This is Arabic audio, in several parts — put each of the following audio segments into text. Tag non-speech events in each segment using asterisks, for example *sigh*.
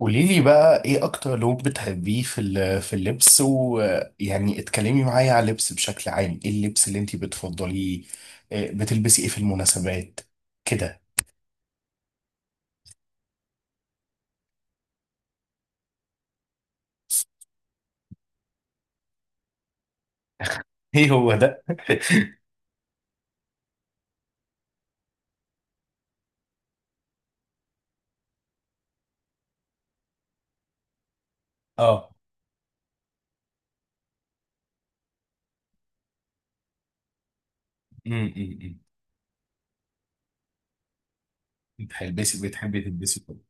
قولي لي بقى ايه اكتر لون بتحبيه في اللبس، ويعني اتكلمي معايا على اللبس بشكل عام. ايه اللبس اللي انت بتفضليه؟ إيه بتلبسي ايه في المناسبات كده؟ *laughs* ايه هو ده؟ *laughs* اه. امم بتحبي تلبسي كله؟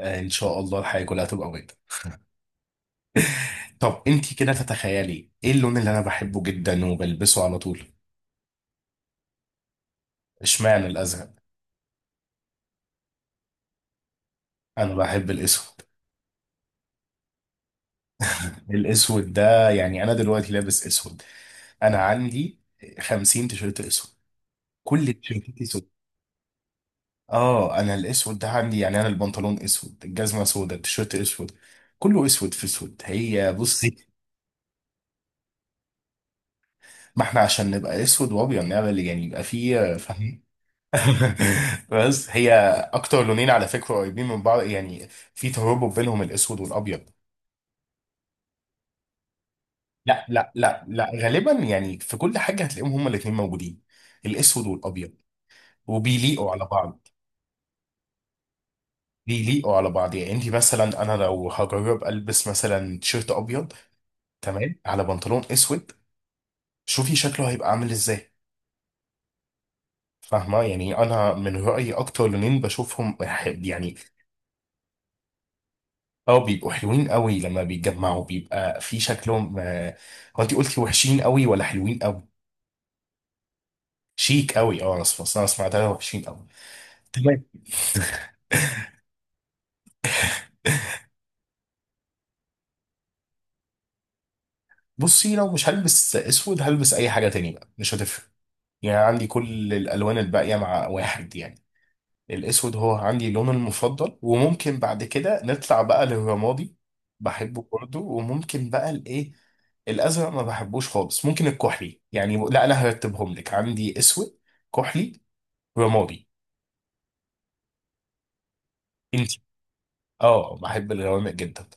آه، ان شاء الله الحياة كلها تبقى بيضة. طب انت كده تتخيلي ايه اللون اللي انا بحبه جدا وبلبسه على طول؟ اشمعنى الازرق؟ انا بحب الاسود. الاسود ده، يعني انا دلوقتي لابس اسود، انا عندي 50 تيشيرت اسود، كل التيشيرتات اسود. اه انا الاسود ده عندي، يعني انا البنطلون اسود، الجزمه سودا، التيشيرت اسود، كله اسود في اسود. هي بصي، ما احنا عشان نبقى اسود وابيض نعمل يعني، يبقى فيه، فاهم؟ *laughs* بس هي اكتر لونين على فكره قريبين من بعض يعني، في ترابط بينهم الاسود والابيض. لا لا لا لا، غالبا يعني في كل حاجه هتلاقيهم هما الاثنين موجودين، الاسود والابيض، وبيليقوا على بعض. بيليقوا على بعض، يعني انت مثلا، انا لو هجرب البس مثلا تيشيرت ابيض تمام على بنطلون اسود، شوفي شكله هيبقى عامل ازاي. فاهمه؟ يعني انا من رايي اكتر لونين بشوفهم يعني، اه بيبقوا حلوين قوي لما بيتجمعوا، بيبقى في شكلهم هو انت قلتي وحشين قوي ولا حلوين قوي؟ شيك قوي، اه، انا سمعتها وحشين قوي. تمام. بصي، لو مش هلبس اسود هلبس اي حاجه تانية بقى، مش هتفرق. يعني عندي كل الالوان الباقيه مع واحد يعني. الاسود هو عندي لون المفضل، وممكن بعد كده نطلع بقى للرمادي، بحبه برضه، وممكن بقى الايه، الازرق ما بحبوش خالص، ممكن الكحلي يعني. لا انا هرتبهم لك، عندي اسود، كحلي، رمادي. انت؟ اه بحب الغوامق جدا.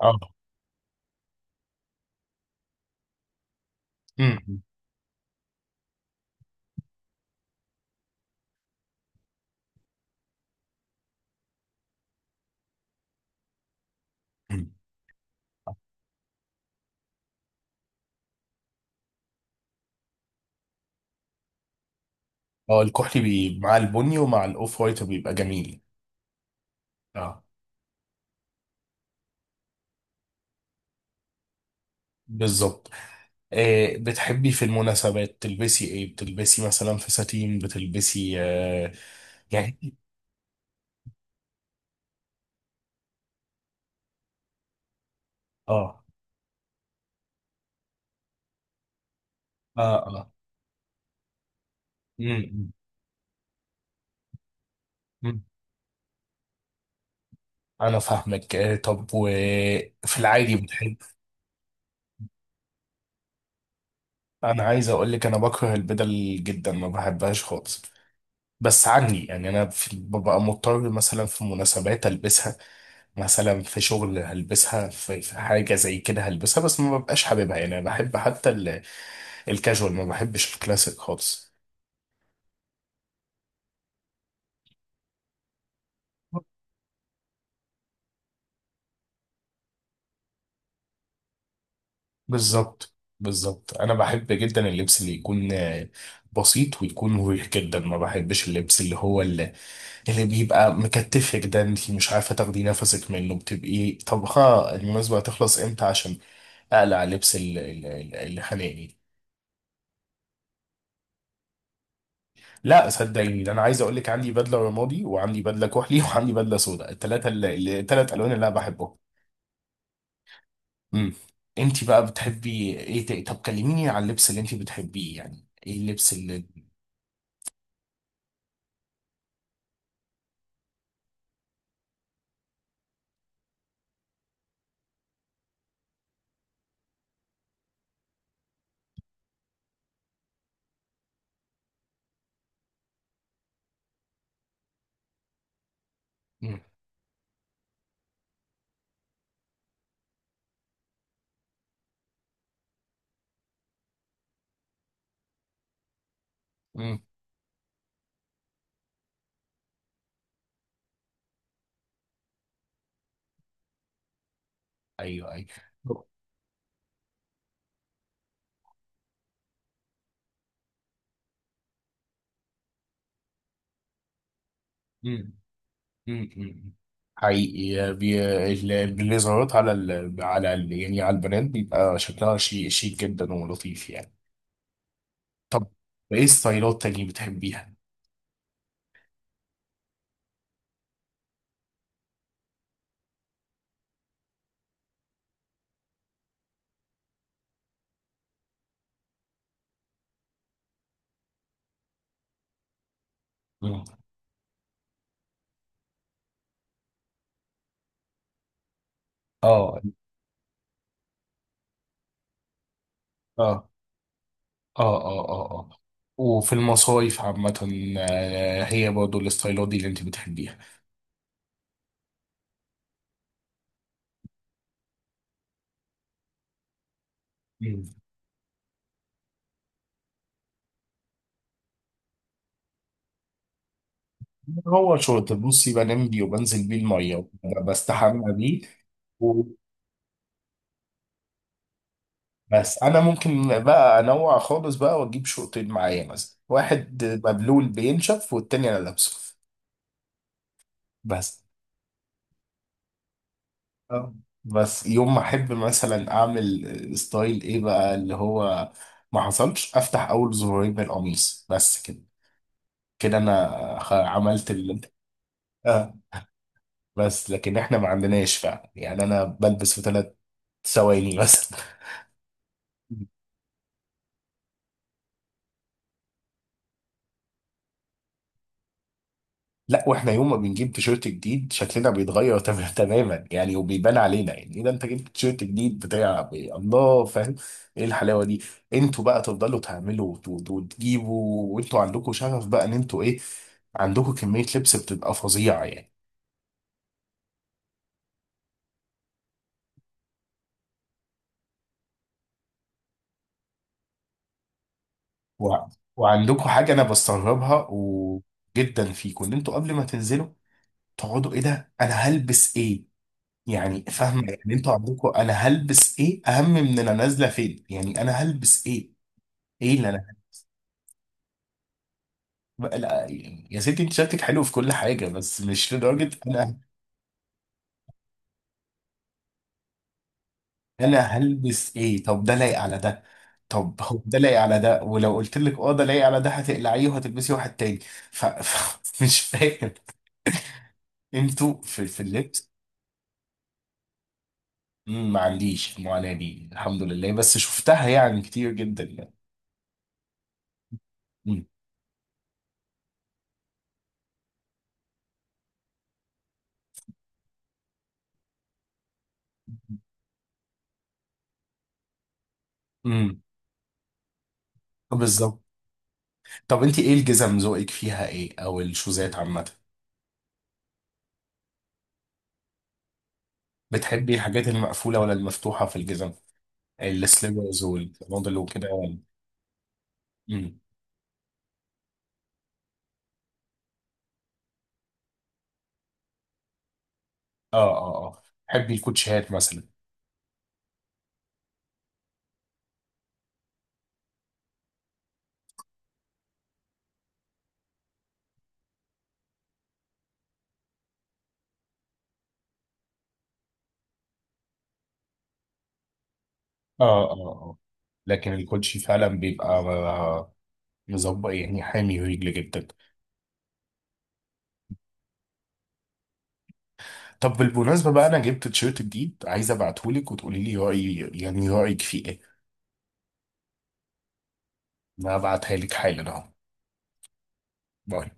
اه. امم. أمم. اه الكحلي مع البني ومع الاوف وايت بيبقى جميل. اه. بالظبط. آه، بتحبي في المناسبات تلبسي ايه؟ بتلبسي مثلا فساتين، بتلبسي يعني إيه؟ اه. اه اه. امم. أمم. انا فاهمك. طب وفي العادي بتحب، انا عايز اقول لك انا بكره البدل جدا، ما بحبهاش خالص، بس عني يعني انا ببقى مضطر مثلا في مناسبات البسها، مثلا في شغل هلبسها، في حاجه زي كده هلبسها، بس ما ببقاش حاببها. يعني انا بحب حتى الكاجوال، ما بحبش الكلاسيك خالص. بالظبط بالظبط، انا بحب جدا اللبس اللي يكون بسيط ويكون مريح جدا، ما بحبش اللبس اللي هو اللي بيبقى مكتفك ده، انت مش عارفه تاخدي نفسك منه، بتبقي طبخه المناسبه هتخلص امتى عشان اقلع لبس اللي خانقني. لا صدقيني، ده انا عايز اقول لك عندي بدله رمادي وعندي بدله كحلي *laughs* وعندي بدله سوداء، الثلاثه، الثلاث الوان اللي انا بحبهم. امم. انت بقى بتحبي ايه تاني؟ طب كلميني عن اللبس اللي انت بتحبيه، يعني ايه اللبس اللي؟ امم. امم. ايوه ايوه. مم. حقيقي، اللي ظهرت على يعني على البنات، بيبقى شكلها شيك شيك جدا ولطيف يعني. طب ايه ستايلات تانية بتحبيها؟ مم. اه اه اه اه اه اه، وفي المصايف عامة، آه، هي برضه الستايلات دي اللي انت بتحبيها؟ مم. هو شورت، بصي بنام بيه، وبنزل بيه المية، بستحمى بيه. بس انا ممكن بقى انوع خالص بقى واجيب شوطين معايا، مثلا واحد مبلول بينشف والتاني انا لابسه بس. اه، بس يوم ما احب مثلا اعمل ستايل ايه بقى اللي هو، ما حصلش افتح اول زرارين من القميص بس كده، كده انا عملت آه. بس لكن احنا ما عندناش فعلا، يعني انا بلبس في ثلاث ثواني *laughs* بس. لا واحنا يوم ما بنجيب تيشيرت جديد شكلنا بيتغير *laughs* تماما يعني، وبيبان علينا، يعني ايه ده انت جبت تيشيرت جديد بتاع إيه؟ الله فاهم، ايه الحلاوه دي. انتوا بقى تفضلوا تعملوا وتجيبوا، وانتوا عندكم شغف بقى ان انتوا ايه، عندكم كميه لبس بتبقى فظيعه يعني. و... وعندكم حاجه انا بستغربها وجدا فيكم، ان انتوا قبل ما تنزلوا تقعدوا ايه ده انا هلبس ايه، يعني فاهمه؟ يعني انتوا عندكم انا هلبس ايه اهم من انا نازله فين، يعني انا هلبس ايه؟ ايه اللي انا؟ لا يا ستي، انت شكلك حلو في كل حاجة بس مش لدرجة انا، انا هلبس ايه، طب ده لايق على ده، طب هو ده لايق على ده؟ ولو قلت لك اه ده لايق على ده هتقلعيه وهتلبسي واحد تاني؟ *laughs* مش فاهم انتوا في اللبس. مم، ما عنديش المعاناة دي، الحمد لله، بس شفتها يعني كتير جدا يعني. مم. امم. بالظبط. طب انت ايه الجزم ذوقك فيها ايه، او الشوزات عامه؟ بتحبي الحاجات المقفوله ولا المفتوحه في الجزم؟ السليبرز والبنطلون وكده يعني. مم. اه اه اه، بحب الكوتشيهات مثلا. اه اه اه، لكن الكوتشي فعلا بيبقى مظبط يعني، حامي رجل جدا. طب بالمناسبة بقى انا جبت تيشيرت جديد عايز ابعتهولك وتقولي لي رأيي، يعني رأيك فيه ايه. انا هبعتها لك حالا اهو. باي.